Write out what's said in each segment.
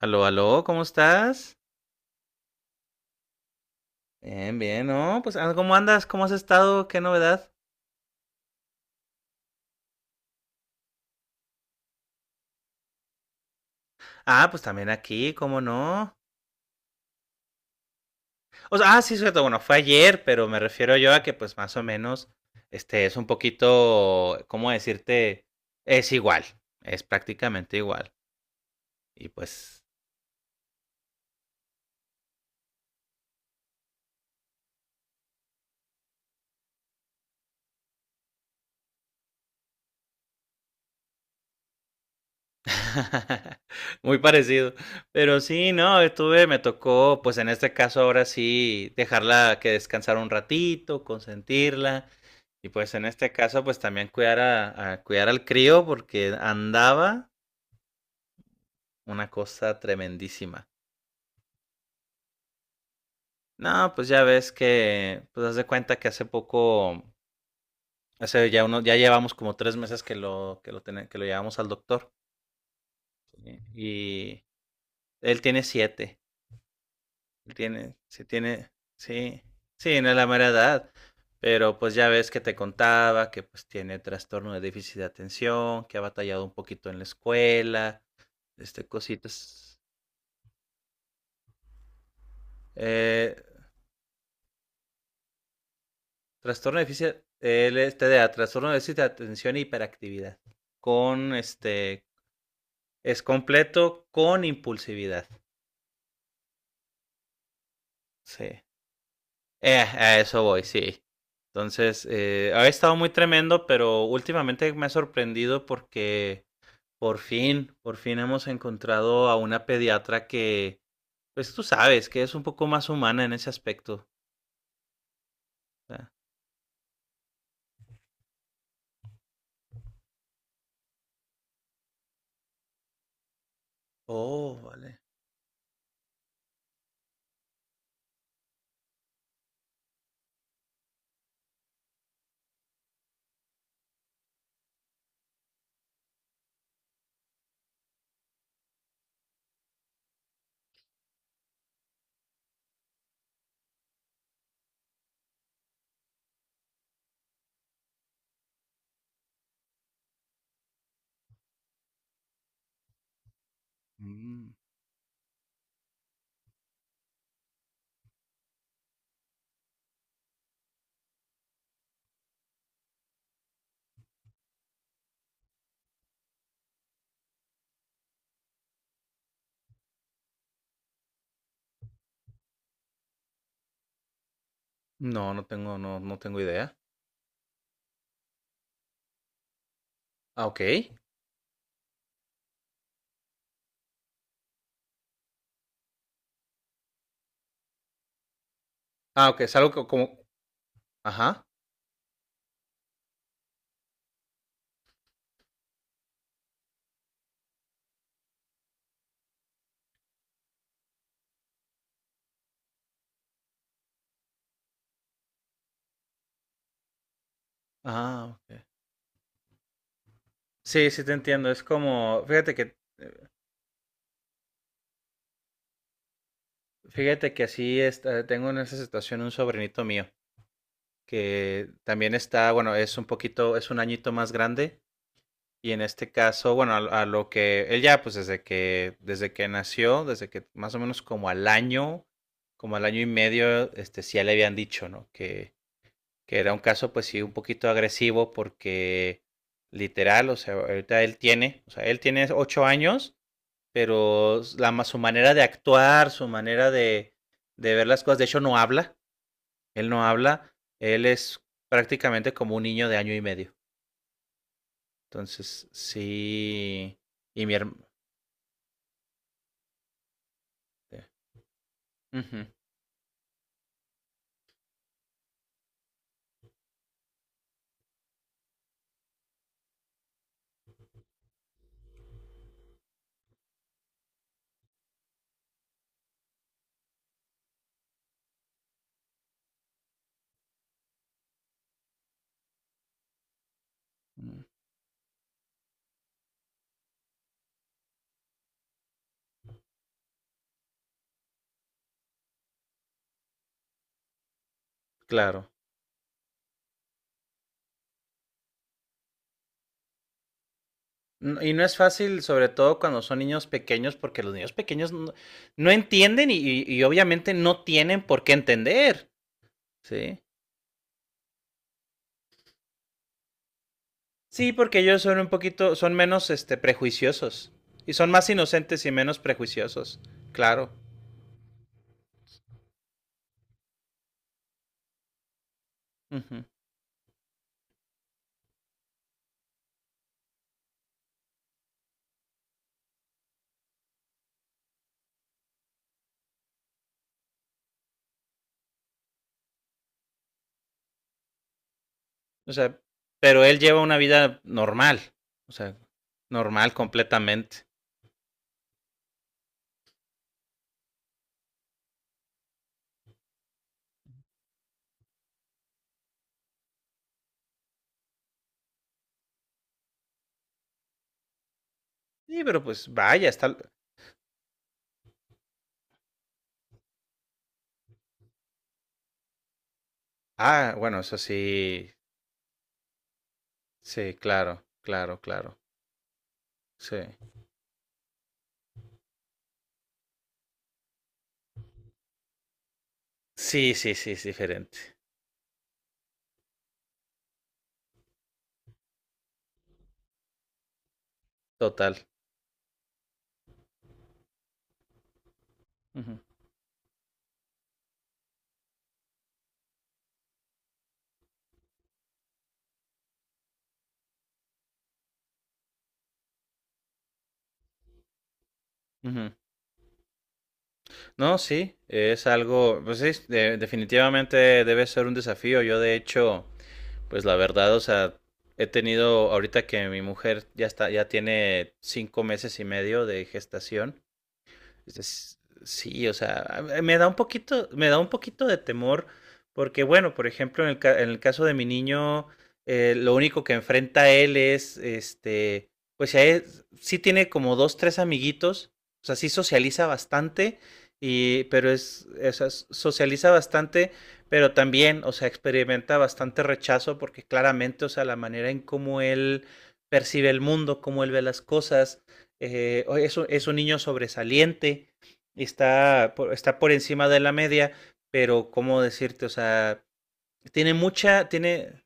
Aló, aló, ¿cómo estás? Bien, bien, ¿no? Pues, ¿cómo andas? ¿Cómo has estado? ¿Qué novedad? Pues también aquí, ¿cómo no? O sea, sí, cierto, bueno, fue ayer, pero me refiero yo a que, pues, más o menos, este, es un poquito, ¿cómo decirte? Es igual, es prácticamente igual. Y pues, Muy parecido. Pero sí, no, estuve, me tocó, pues en este caso ahora sí, dejarla que descansara un ratito, consentirla. Y pues en este caso, pues también cuidar a, cuidar al crío porque andaba una cosa tremendísima. No, pues ya ves que, pues haz de cuenta que hace poco, hace ya uno, ya llevamos como 3 meses que lo, que lo llevamos al doctor. Y él tiene 7. Tiene, sí, sí, no es la mera edad, pero pues ya ves que te contaba que pues tiene trastorno de déficit de atención, que ha batallado un poquito en la escuela, este, cositas. Eh, trastorno de déficit, él es TDA, trastorno de déficit de atención e hiperactividad, con este, es completo con impulsividad, sí. A eso voy, sí. Entonces, ha estado muy tremendo, pero últimamente me ha sorprendido porque por fin, por fin hemos encontrado a una pediatra que, pues tú sabes, que es un poco más humana en ese aspecto. O sea, oh, vale. Mm. No, no tengo, no, no tengo idea. Ah, ok. Ah, ok, es algo como, ajá. Ah, ok. Sí, sí te entiendo. Es como, fíjate que así está, tengo en esa situación un sobrinito mío que también está, bueno, es un poquito, es un añito más grande. Y en este caso, bueno, a lo que él ya, pues desde que nació, desde que más o menos como al año y medio, este, sí ya le habían dicho, ¿no? Que era un caso, pues sí, un poquito agresivo porque literal, o sea, ahorita él tiene, o sea, él tiene 8 años, pero la, su manera de actuar, su manera de ver las cosas, de hecho no habla, él no habla, él es prácticamente como un niño de año y medio. Entonces, sí. Y mi, hermano, ujú. Mm. Claro. Y no es fácil, sobre todo cuando son niños pequeños, porque los niños pequeños no, no entienden y, y obviamente no tienen por qué entender, ¿sí? Sí, porque ellos son un poquito, son menos, este, prejuiciosos y son más inocentes y menos prejuiciosos, claro. Ujú. O sea, pero él lleva una vida normal, o sea, normal completamente. Sí, pero pues vaya, está... Ah, bueno, eso sí, sí, claro, claro, claro, sí. Sí, sí, sí, es diferente. Total. Ujú, ujú. No, sí, es algo, pues sí, definitivamente debe ser un desafío. Yo de hecho, pues la verdad, o sea, he tenido ahorita que mi mujer ya está, ya tiene 5 meses y medio de gestación. Es- Sí, o sea, me da un poquito, me da un poquito de temor porque, bueno, por ejemplo, en el caso de mi niño, lo único que enfrenta él es, este, pues si a sí tiene como dos, tres amiguitos, o sea, sí socializa bastante, y, pero es, o sea, socializa bastante, pero también, o sea, experimenta bastante rechazo porque claramente, o sea, la manera en cómo él percibe el mundo, cómo él ve las cosas, o es, es un niño sobresaliente, está por, está por encima de la media, pero ¿cómo decirte? O sea, tiene mucha, tiene,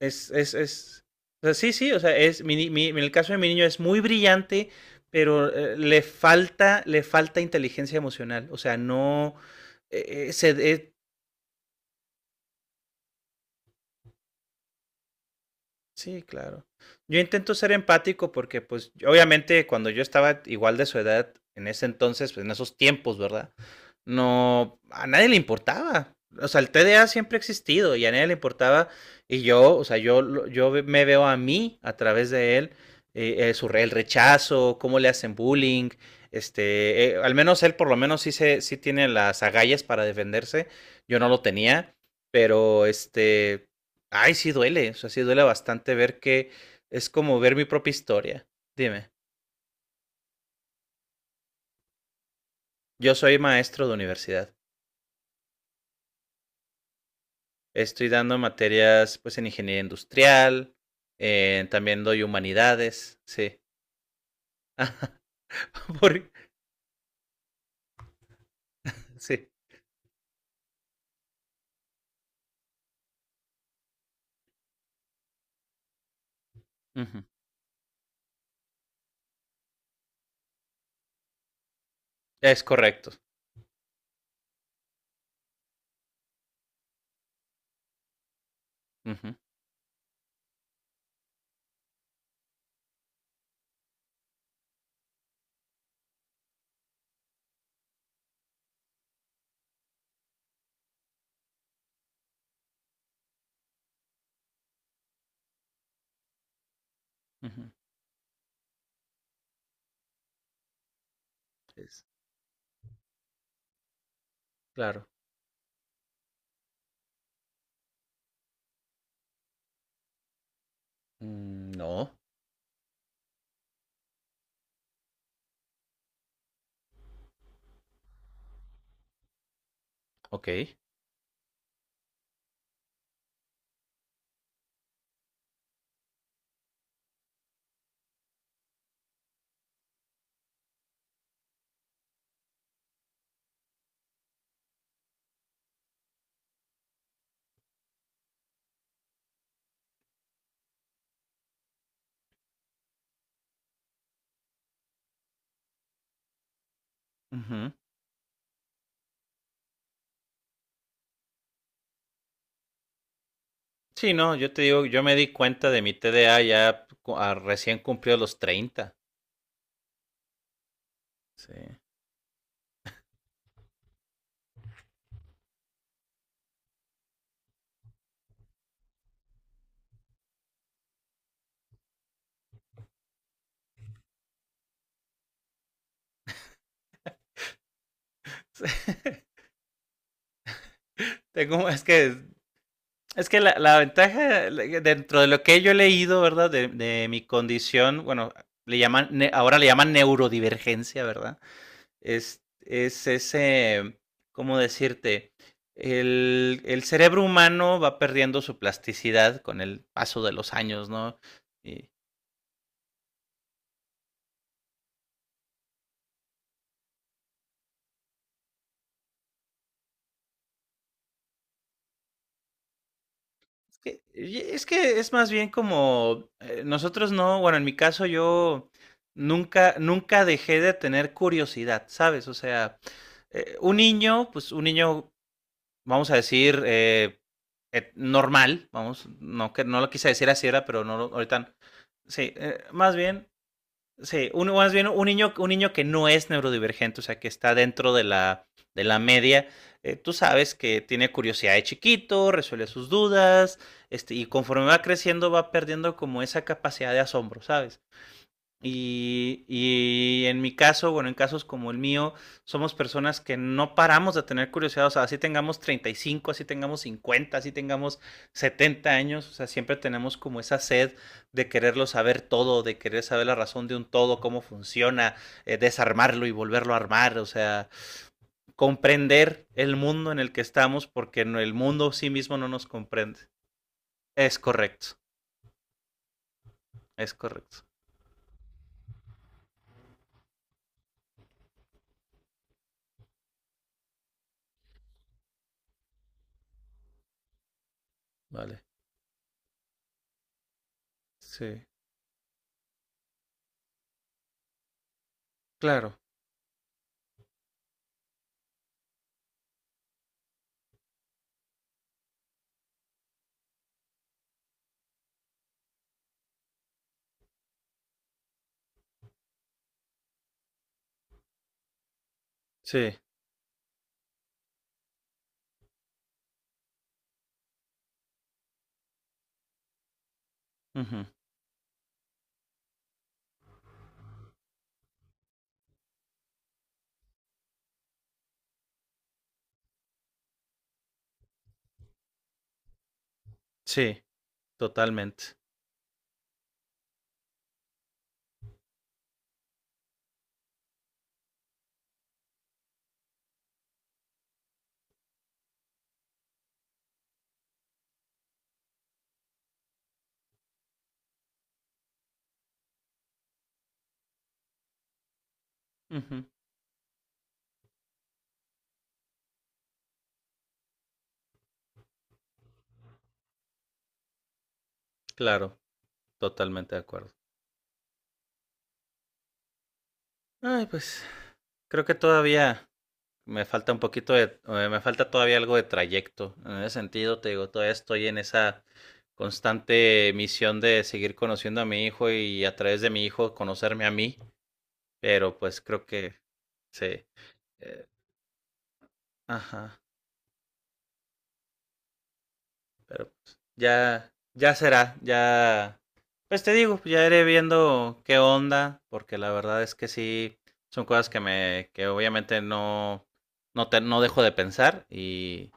es, o sea, sí, sí, o sea, es, mi en el caso de mi niño es muy brillante, pero le falta inteligencia emocional, o sea, no, se, sí, claro. Yo intento ser empático porque, pues, obviamente cuando yo estaba igual de su edad, en ese entonces, pues, en esos tiempos, ¿verdad? No, a nadie le importaba. O sea, el TDA siempre ha existido y a nadie le importaba. Y yo, o sea, yo, lo- yo ve- me veo a mí a través de él, el rechazo, cómo le hacen bullying. Este, al menos él por lo menos sí, se, sí tiene las agallas para defenderse. Yo no lo tenía, pero este, ay, sí duele, o sea, sí duele bastante ver que es como ver mi propia historia. Dime, yo soy maestro de universidad. Estoy dando materias pues en ingeniería industrial, también doy humanidades, sí. Por- sí. Ujú. Es correcto. Ujú, ujú. Es- claro. Mm, no, ok. Ujú. Sí, no, yo te digo, yo me di cuenta de mi TDA ya recién cumplió los 30. Sí. Tengo, es que la ventaja, dentro de lo que yo he leído, ¿verdad? De mi condición, bueno, le llaman, ahora le llaman neurodivergencia, ¿verdad? Es ese, ¿cómo decirte? El cerebro humano va perdiendo su plasticidad con el paso de los años, ¿no? Y y es que es más bien como, nosotros no, bueno, en mi caso yo nunca, nunca dejé de tener curiosidad, ¿sabes? O sea, un niño, pues un niño vamos a decir, normal, vamos, no, que, no lo quise decir así era, pero no, ahorita, sí, más bien, sí, más bien un niño que no es neurodivergente, o sea, que está dentro de de la media, tú sabes que tiene curiosidad de chiquito, resuelve sus dudas, este, y conforme va creciendo va perdiendo como esa capacidad de asombro, ¿sabes? Y en mi caso, bueno, en casos como el mío, somos personas que no paramos de tener curiosidad. O sea, así tengamos 35, así tengamos 50, así tengamos 70 años. O sea, siempre tenemos como esa sed de quererlo saber todo, de querer saber la razón de un todo, cómo funciona, desarmarlo y volverlo a armar. O sea, comprender el mundo en el que estamos porque no, el mundo sí mismo no nos comprende. Es correcto, es correcto. Vale. Sí, claro. Sí. Ujú, sí. Totalmente. Ujú. Claro, totalmente de acuerdo. Ay, pues creo que todavía me falta un poquito de, me falta todavía algo de trayecto. En ese sentido, te digo, todavía estoy en esa constante misión de seguir conociendo a mi hijo y a través de mi hijo conocerme a mí, pero pues creo que sí. eh, ajá. Pero pues, ya, ya será, ya. Pues te digo, ya iré viendo qué onda, porque la verdad es que sí, son cosas que me, que obviamente no, no, te, no dejo de pensar y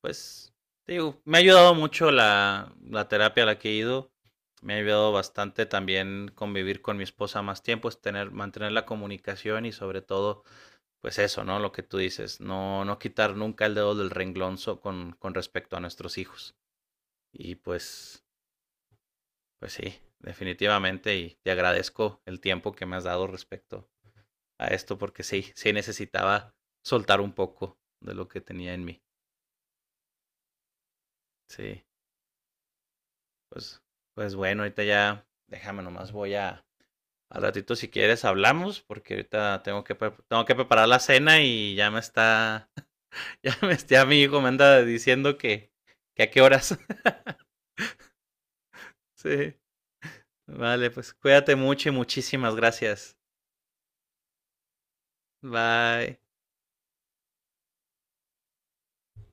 pues, te digo, me ha ayudado mucho la terapia a la que he ido, me ha ayudado bastante también convivir con mi esposa más tiempo, es tener, mantener la comunicación y sobre todo, pues eso, ¿no? Lo que tú dices, no, no quitar nunca el dedo del renglón con respecto a nuestros hijos. Y pues, pues sí, definitivamente. Y te agradezco el tiempo que me has dado respecto a esto, porque sí, sí necesitaba soltar un poco de lo que tenía en mí. Sí, pues, pues bueno, ahorita ya, déjame nomás, voy a, al ratito si quieres hablamos, porque ahorita tengo que, preparar la cena y ya me está, ya me está, mi hijo me anda diciendo que, a qué horas. Sí, vale, pues cuídate mucho y muchísimas gracias. Bye.